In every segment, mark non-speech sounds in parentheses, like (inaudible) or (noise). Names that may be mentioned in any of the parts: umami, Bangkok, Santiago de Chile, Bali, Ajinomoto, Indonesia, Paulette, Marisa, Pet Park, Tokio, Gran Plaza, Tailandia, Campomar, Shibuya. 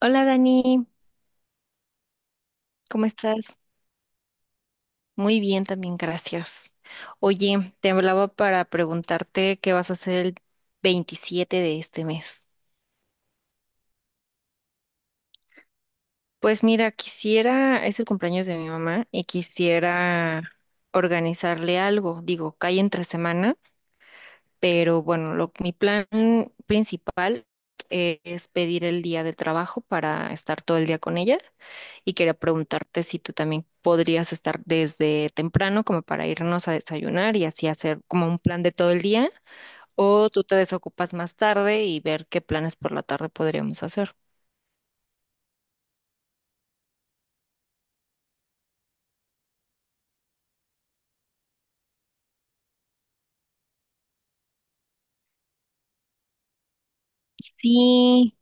Hola Dani, ¿cómo estás? Muy bien también, gracias. Oye, te hablaba para preguntarte qué vas a hacer el 27 de este mes. Pues mira, quisiera, es el cumpleaños de mi mamá y quisiera organizarle algo. Digo, cae entre semana, pero bueno, mi plan principal es pedir el día del trabajo para estar todo el día con ella y quería preguntarte si tú también podrías estar desde temprano como para irnos a desayunar y así hacer como un plan de todo el día o tú te desocupas más tarde y ver qué planes por la tarde podríamos hacer. Sí,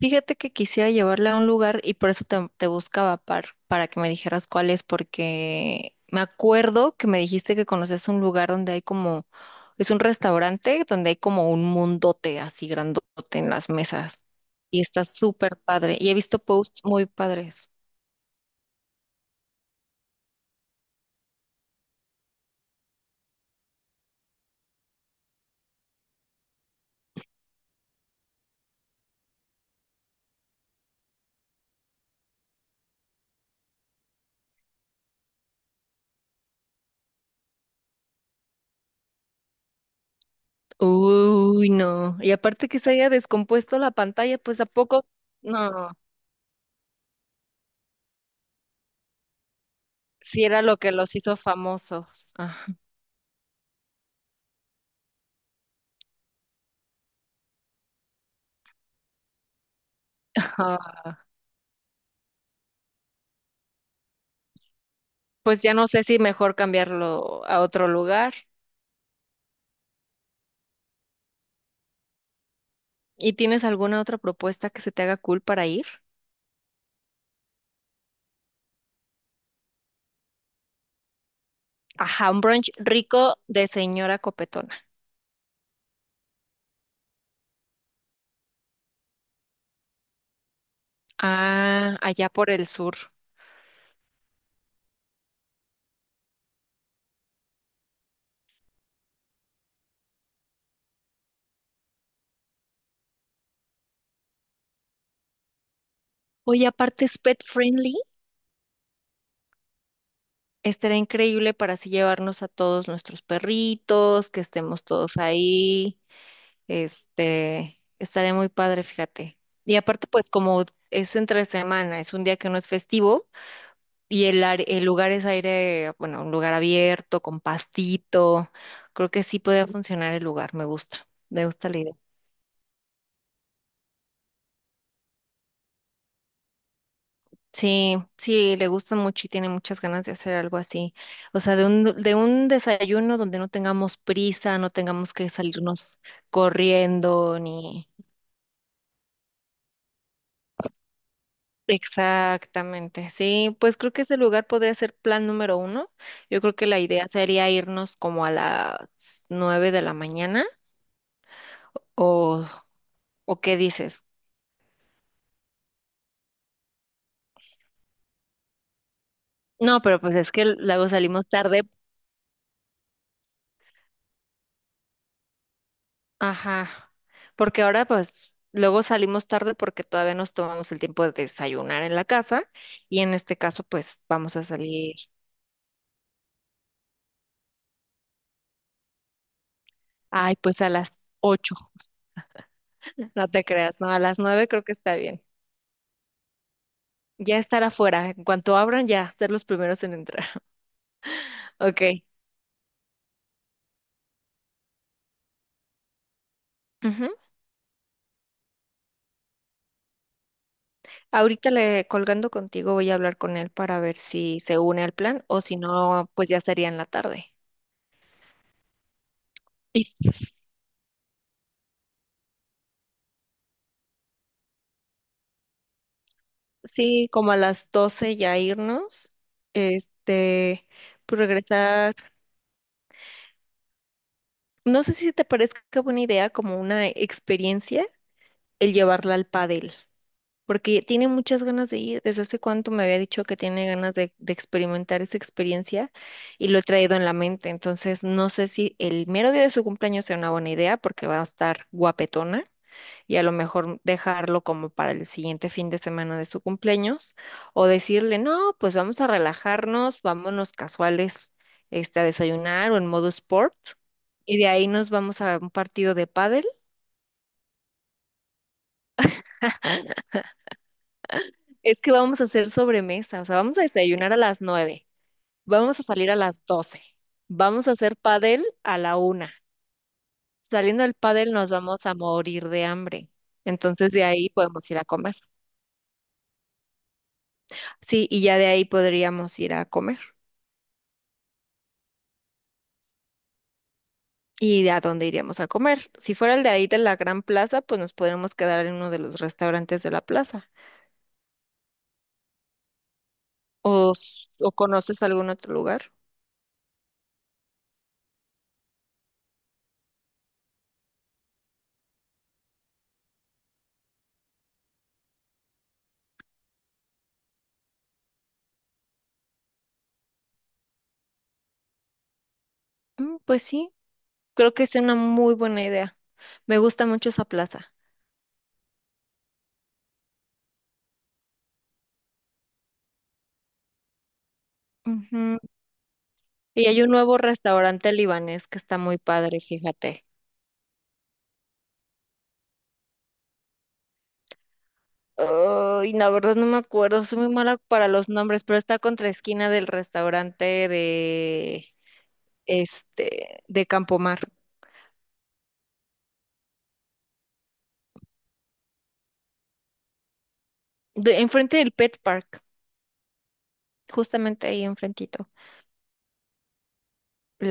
fíjate que quisiera llevarla a un lugar y por eso te buscaba para que me dijeras cuál es, porque me acuerdo que me dijiste que conoces un lugar donde hay como, es un restaurante donde hay como un mundote así grandote en las mesas y está súper padre y he visto posts muy padres. Uy, no. Y aparte que se haya descompuesto la pantalla, pues a poco, no, si era lo que los hizo famosos. Ajá. Ah, pues ya no sé si mejor cambiarlo a otro lugar. ¿Y tienes alguna otra propuesta que se te haga cool para ir? Ajá, un brunch rico de señora copetona. Ah, allá por el sur. Oye, aparte es pet friendly. Estará increíble para así llevarnos a todos nuestros perritos, que estemos todos ahí. Estaría muy padre, fíjate. Y aparte, pues como es entre semana, es un día que no es festivo, y el lugar es aire, bueno, un lugar abierto, con pastito. Creo que sí podría funcionar el lugar, me gusta la idea. Sí, sí, le gusta mucho y tiene muchas ganas de hacer algo así. O sea, de un desayuno donde no tengamos prisa, no tengamos que salirnos corriendo ni... Exactamente, sí, pues creo que ese lugar podría ser plan número uno. Yo creo que la idea sería irnos como a las 9 de la mañana o, o ¿qué dices? No, pero pues es que luego salimos tarde. Ajá. Porque ahora pues luego salimos tarde porque todavía nos tomamos el tiempo de desayunar en la casa y en este caso pues vamos a salir, ay, pues a las 8. (laughs) No te creas, no, a las 9 creo que está bien. Ya estar afuera, en cuanto abran ya, ser los primeros en entrar. (laughs) Ok. Ujú. Ahorita le colgando contigo voy a hablar con él para ver si se une al plan o si no, pues ya sería en la tarde. Sí, sí, como a las 12 ya irnos, este, pues regresar. No sé si te parezca buena idea como una experiencia el llevarla al pádel, porque tiene muchas ganas de ir. Desde hace cuánto me había dicho que tiene ganas de experimentar esa experiencia y lo he traído en la mente. Entonces, no sé si el mero día de su cumpleaños sea una buena idea porque va a estar guapetona. Y a lo mejor dejarlo como para el siguiente fin de semana de su cumpleaños o decirle, no, pues vamos a relajarnos, vámonos casuales, a desayunar o en modo sport y de ahí nos vamos a un partido de pádel. (laughs) Es que vamos a hacer sobremesa, o sea, vamos a desayunar a las 9, vamos a salir a las 12, vamos a hacer pádel a la 1. Saliendo del pádel nos vamos a morir de hambre. Entonces de ahí podemos ir a comer. Sí, y ya de ahí podríamos ir a comer. Y de a dónde iríamos a comer. Si fuera el de ahí de la Gran Plaza, pues nos podríamos quedar en uno de los restaurantes de la plaza. ¿O conoces algún otro lugar? Pues sí, creo que es una muy buena idea. Me gusta mucho esa plaza. Ujú. Y hay un nuevo restaurante libanés que está muy padre, fíjate. Ay, la verdad no me acuerdo, soy muy mala para los nombres, pero está contra esquina del restaurante de este de Campomar, enfrente del Pet Park. Justamente ahí enfrentito.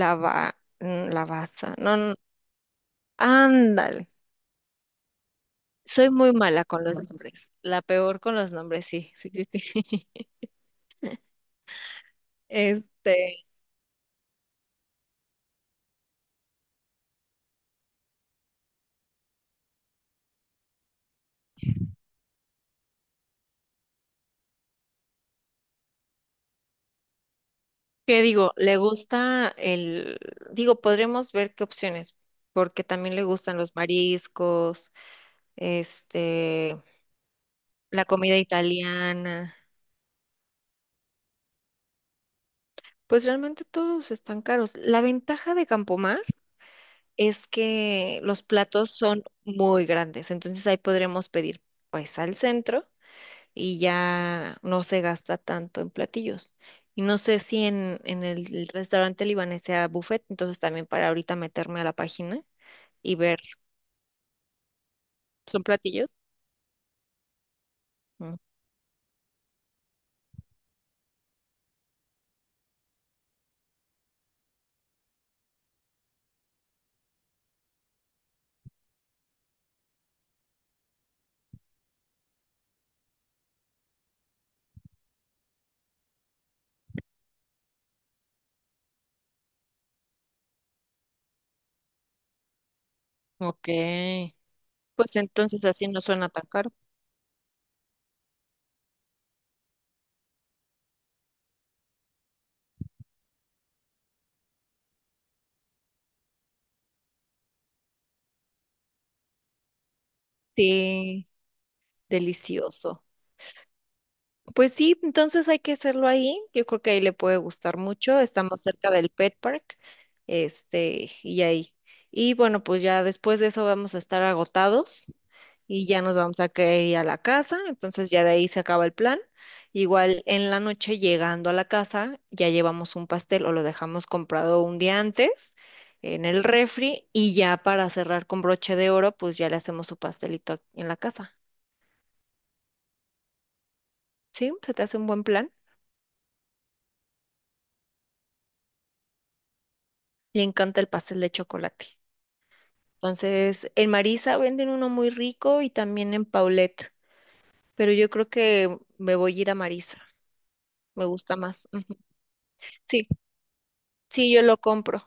La Baza. No, no, ándale. Soy muy mala con los nombres. La peor con los nombres, sí, sí, sí, sí. (laughs) Este, ¿qué digo? Le gusta digo, podremos ver qué opciones, porque también le gustan los mariscos, este, la comida italiana. Pues realmente todos están caros. La ventaja de Campomar es que los platos son muy grandes, entonces ahí podremos pedir pues al centro y ya no se gasta tanto en platillos. Y no sé si en el restaurante libanés sea buffet, entonces también para ahorita meterme a la página y ver. ¿Son platillos? Mm. Ok. Pues entonces así no suena tan caro. Sí, delicioso. Pues sí, entonces hay que hacerlo ahí. Yo creo que ahí le puede gustar mucho. Estamos cerca del Pet Park, y ahí. Y bueno, pues ya después de eso vamos a estar agotados y ya nos vamos a querer ir a la casa. Entonces ya de ahí se acaba el plan. Igual en la noche llegando a la casa ya llevamos un pastel o lo dejamos comprado un día antes en el refri y ya para cerrar con broche de oro, pues ya le hacemos su pastelito en la casa. ¿Sí? ¿Se te hace un buen plan? Le encanta el pastel de chocolate. Entonces, en Marisa venden uno muy rico y también en Paulette, pero yo creo que me voy a ir a Marisa, me gusta más. Mm, sí, sí, yo lo compro.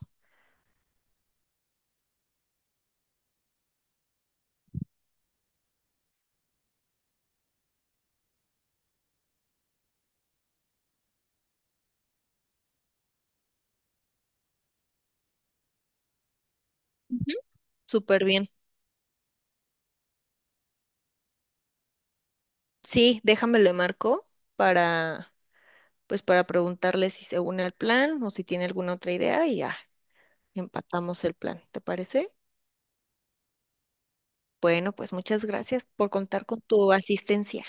Ujú. Súper bien. Sí, déjame le marco para, pues para preguntarle si se une al plan o si tiene alguna otra idea y ya empatamos el plan, ¿te parece? Bueno, pues muchas gracias por contar con tu asistencia.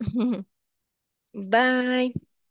(laughs) Bye.